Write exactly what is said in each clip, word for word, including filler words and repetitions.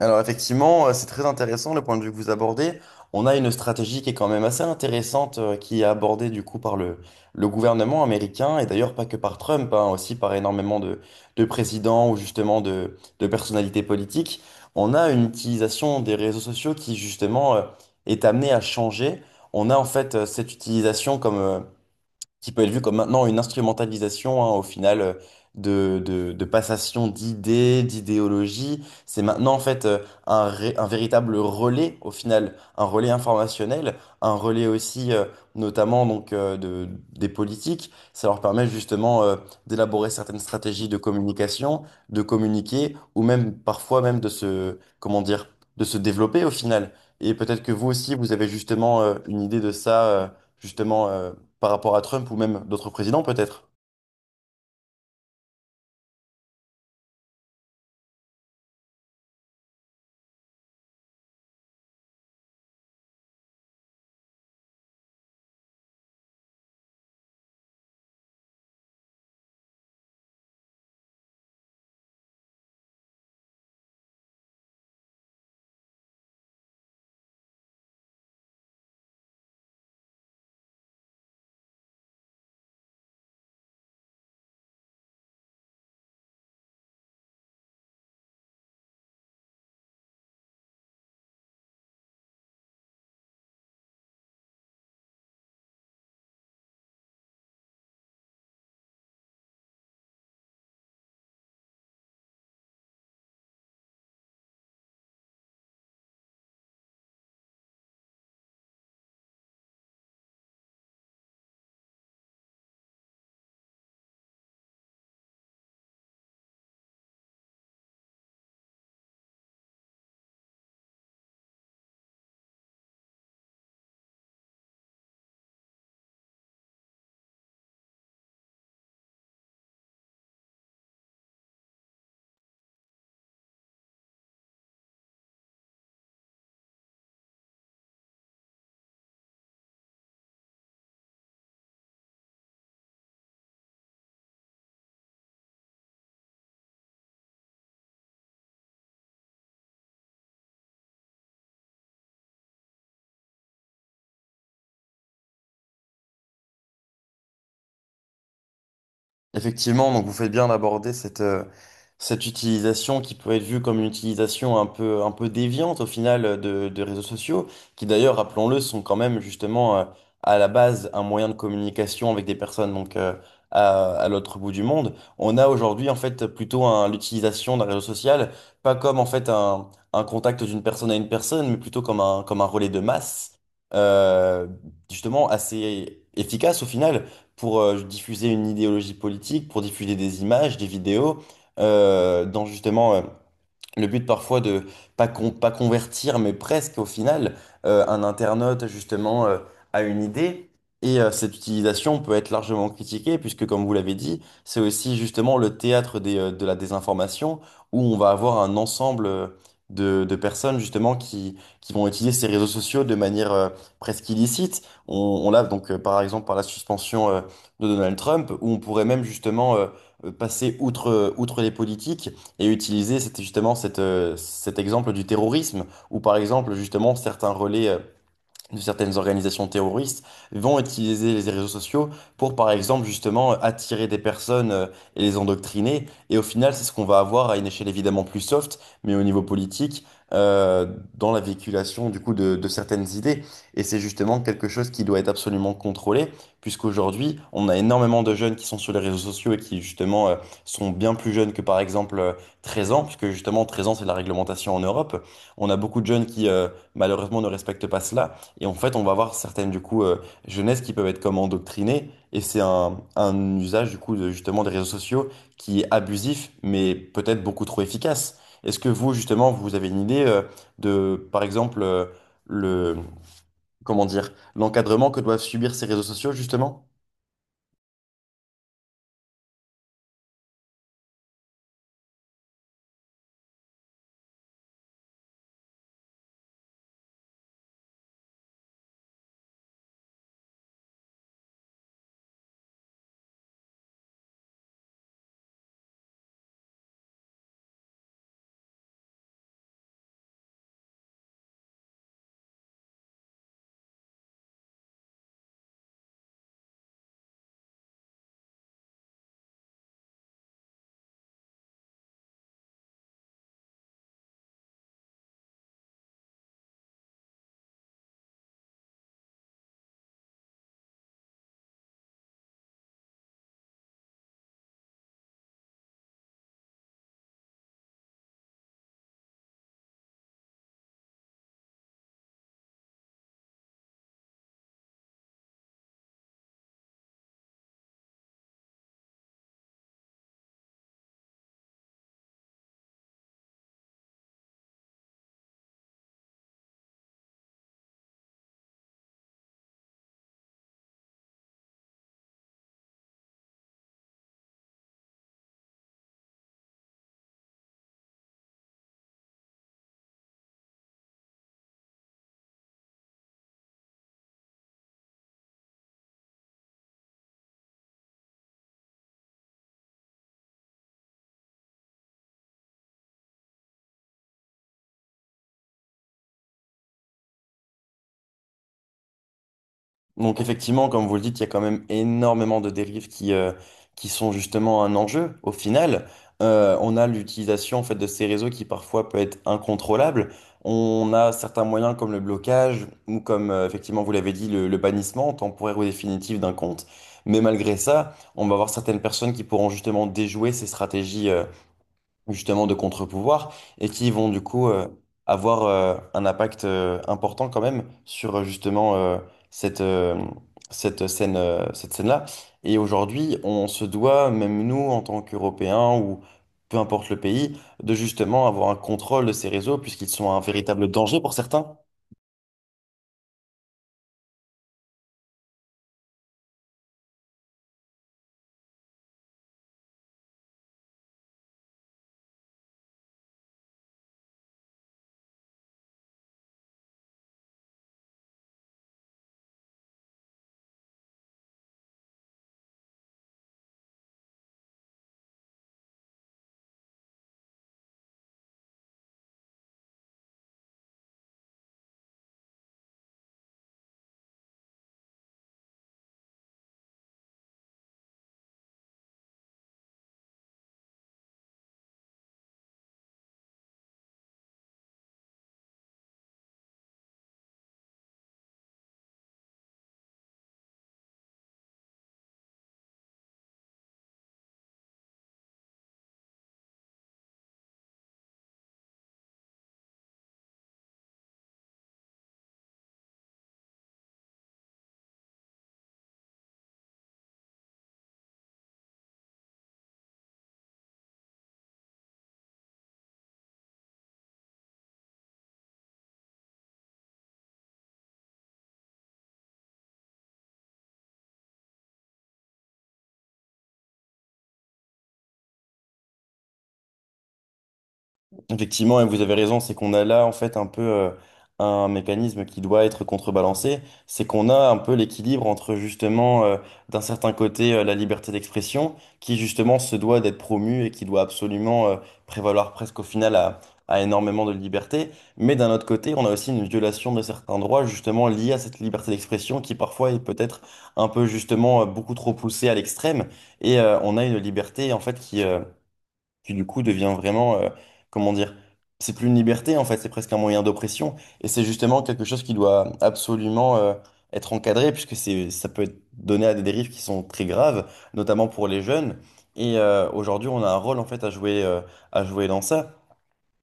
Alors effectivement, euh, c'est très intéressant le point de vue que vous abordez. On a une stratégie qui est quand même assez intéressante, euh, qui est abordée du coup par le, le gouvernement américain, et d'ailleurs pas que par Trump, hein, aussi par énormément de, de présidents ou justement de, de personnalités politiques. On a une utilisation des réseaux sociaux qui justement euh, est amenée à changer. On a en fait euh, cette utilisation comme, euh, qui peut être vu comme maintenant une instrumentalisation, hein, au final, euh, de, de, de passation d'idées, d'idéologies. C'est maintenant, en fait, euh, un, ré- un véritable relais, au final, un relais informationnel, un relais aussi, euh, notamment, donc, euh, de, des politiques. Ça leur permet, justement, euh, d'élaborer certaines stratégies de communication, de communiquer, ou même, parfois, même de se, comment dire, de se développer, au final. Et peut-être que vous aussi, vous avez justement, euh, une idée de ça, euh, justement, euh, par rapport à Trump ou même d'autres présidents peut-être? Effectivement, donc vous faites bien d'aborder cette, euh, cette utilisation qui peut être vue comme une utilisation un peu, un peu déviante au final euh, de, de réseaux sociaux, qui d'ailleurs, rappelons-le, sont quand même justement euh, à la base un moyen de communication avec des personnes donc euh, à, à l'autre bout du monde. On a aujourd'hui en fait plutôt un- l'utilisation d'un réseau social, pas comme en fait un, un contact d'une personne à une personne, mais plutôt comme un, comme un relais de masse, euh, justement assez efficace au final pour euh, diffuser une idéologie politique, pour diffuser des images, des vidéos, euh, dans justement euh, le but parfois de pas, con- pas convertir, mais presque au final, euh, un internaute justement euh, à une idée. Et euh, cette utilisation peut être largement critiquée, puisque comme vous l'avez dit, c'est aussi justement le théâtre des, euh, de la désinformation, où on va avoir un ensemble euh, de, de personnes justement qui, qui vont utiliser ces réseaux sociaux de manière euh, presque illicite. On, on l'a donc euh, par exemple par la suspension euh, de Donald Trump, où on pourrait même justement... euh, euh, passer outre, euh, outre les politiques et utiliser c'était justement cette, euh, cet exemple du terrorisme, où par exemple justement certains relais, euh, de certaines organisations terroristes vont utiliser les réseaux sociaux pour, par exemple, justement, euh, attirer des personnes euh, et les endoctriner. Et au final, c'est ce qu'on va avoir à une échelle évidemment plus soft, mais au niveau politique, euh, dans la véhiculation, du coup, de, de certaines idées. Et c'est justement quelque chose qui doit être absolument contrôlé, puisqu'aujourd'hui, on a énormément de jeunes qui sont sur les réseaux sociaux et qui, justement, euh, sont bien plus jeunes que, par exemple, euh, treize ans, puisque, justement, treize ans, c'est la réglementation en Europe. On a beaucoup de jeunes qui, euh, malheureusement, ne respectent pas cela. Et en fait, on va avoir certaines, du coup, euh, jeunesses qui peuvent être comme endoctrinées. Et c'est un, un usage, du coup, de, justement, des réseaux sociaux qui est abusif, mais peut-être beaucoup trop efficace. Est-ce que vous, justement, vous avez une idée, euh, de, par exemple, euh, le, comment dire, l'encadrement que doivent subir ces réseaux sociaux, justement? Donc effectivement, comme vous le dites, il y a quand même énormément de dérives qui, euh, qui sont justement un enjeu. Au final, euh, on a l'utilisation en fait, de ces réseaux qui parfois peut être incontrôlable. On a certains moyens comme le blocage ou comme, euh, effectivement, vous l'avez dit, le, le bannissement temporaire ou définitif d'un compte. Mais malgré ça, on va avoir certaines personnes qui pourront justement déjouer ces stratégies, euh, justement de contre-pouvoir et qui vont du coup euh, avoir euh, un impact euh, important quand même sur euh, justement euh, cette, euh, cette scène, euh, cette scène-là. Et aujourd'hui, on se doit, même nous en tant qu'Européens ou peu importe le pays, de justement avoir un contrôle de ces réseaux puisqu'ils sont un véritable danger pour certains. Effectivement, et vous avez raison, c'est qu'on a là en fait un peu euh, un mécanisme qui doit être contrebalancé, c'est qu'on a un peu l'équilibre entre justement euh, d'un certain côté euh, la liberté d'expression qui justement se doit d'être promue et qui doit absolument euh, prévaloir presque au final à, à énormément de liberté, mais d'un autre côté on a aussi une violation de certains droits justement liés à cette liberté d'expression qui parfois est peut-être un peu justement euh, beaucoup trop poussée à l'extrême et euh, on a une liberté en fait qui... euh, qui du coup devient vraiment, euh, comment dire, c'est plus une liberté en fait, c'est presque un moyen d'oppression, et c'est justement quelque chose qui doit absolument euh, être encadré, puisque c'est, ça peut être donné à des dérives qui sont très graves, notamment pour les jeunes, et euh, aujourd'hui on a un rôle en fait à jouer, euh, à jouer dans ça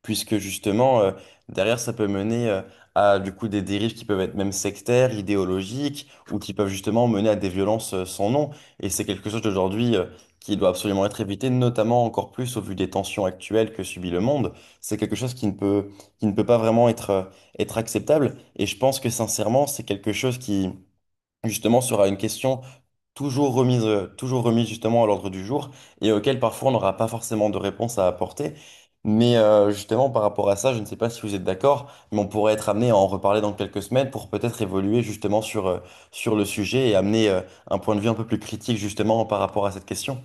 puisque justement, euh, derrière, ça peut mener euh, à du coup des dérives qui peuvent être même sectaires, idéologiques, ou qui peuvent justement mener à des violences euh, sans nom. Et c'est quelque chose d'aujourd'hui euh, qui doit absolument être évité, notamment encore plus au vu des tensions actuelles que subit le monde. C'est quelque chose qui ne peut, qui ne peut pas vraiment être, euh, être acceptable. Et je pense que sincèrement, c'est quelque chose qui, justement, sera une question toujours remise, euh, toujours remise justement à l'ordre du jour et auquel parfois on n'aura pas forcément de réponse à apporter. Mais euh, justement par rapport à ça, je ne sais pas si vous êtes d'accord, mais on pourrait être amené à en reparler dans quelques semaines pour peut-être évoluer justement sur, euh, sur le sujet et amener euh, un point de vue un peu plus critique justement par rapport à cette question.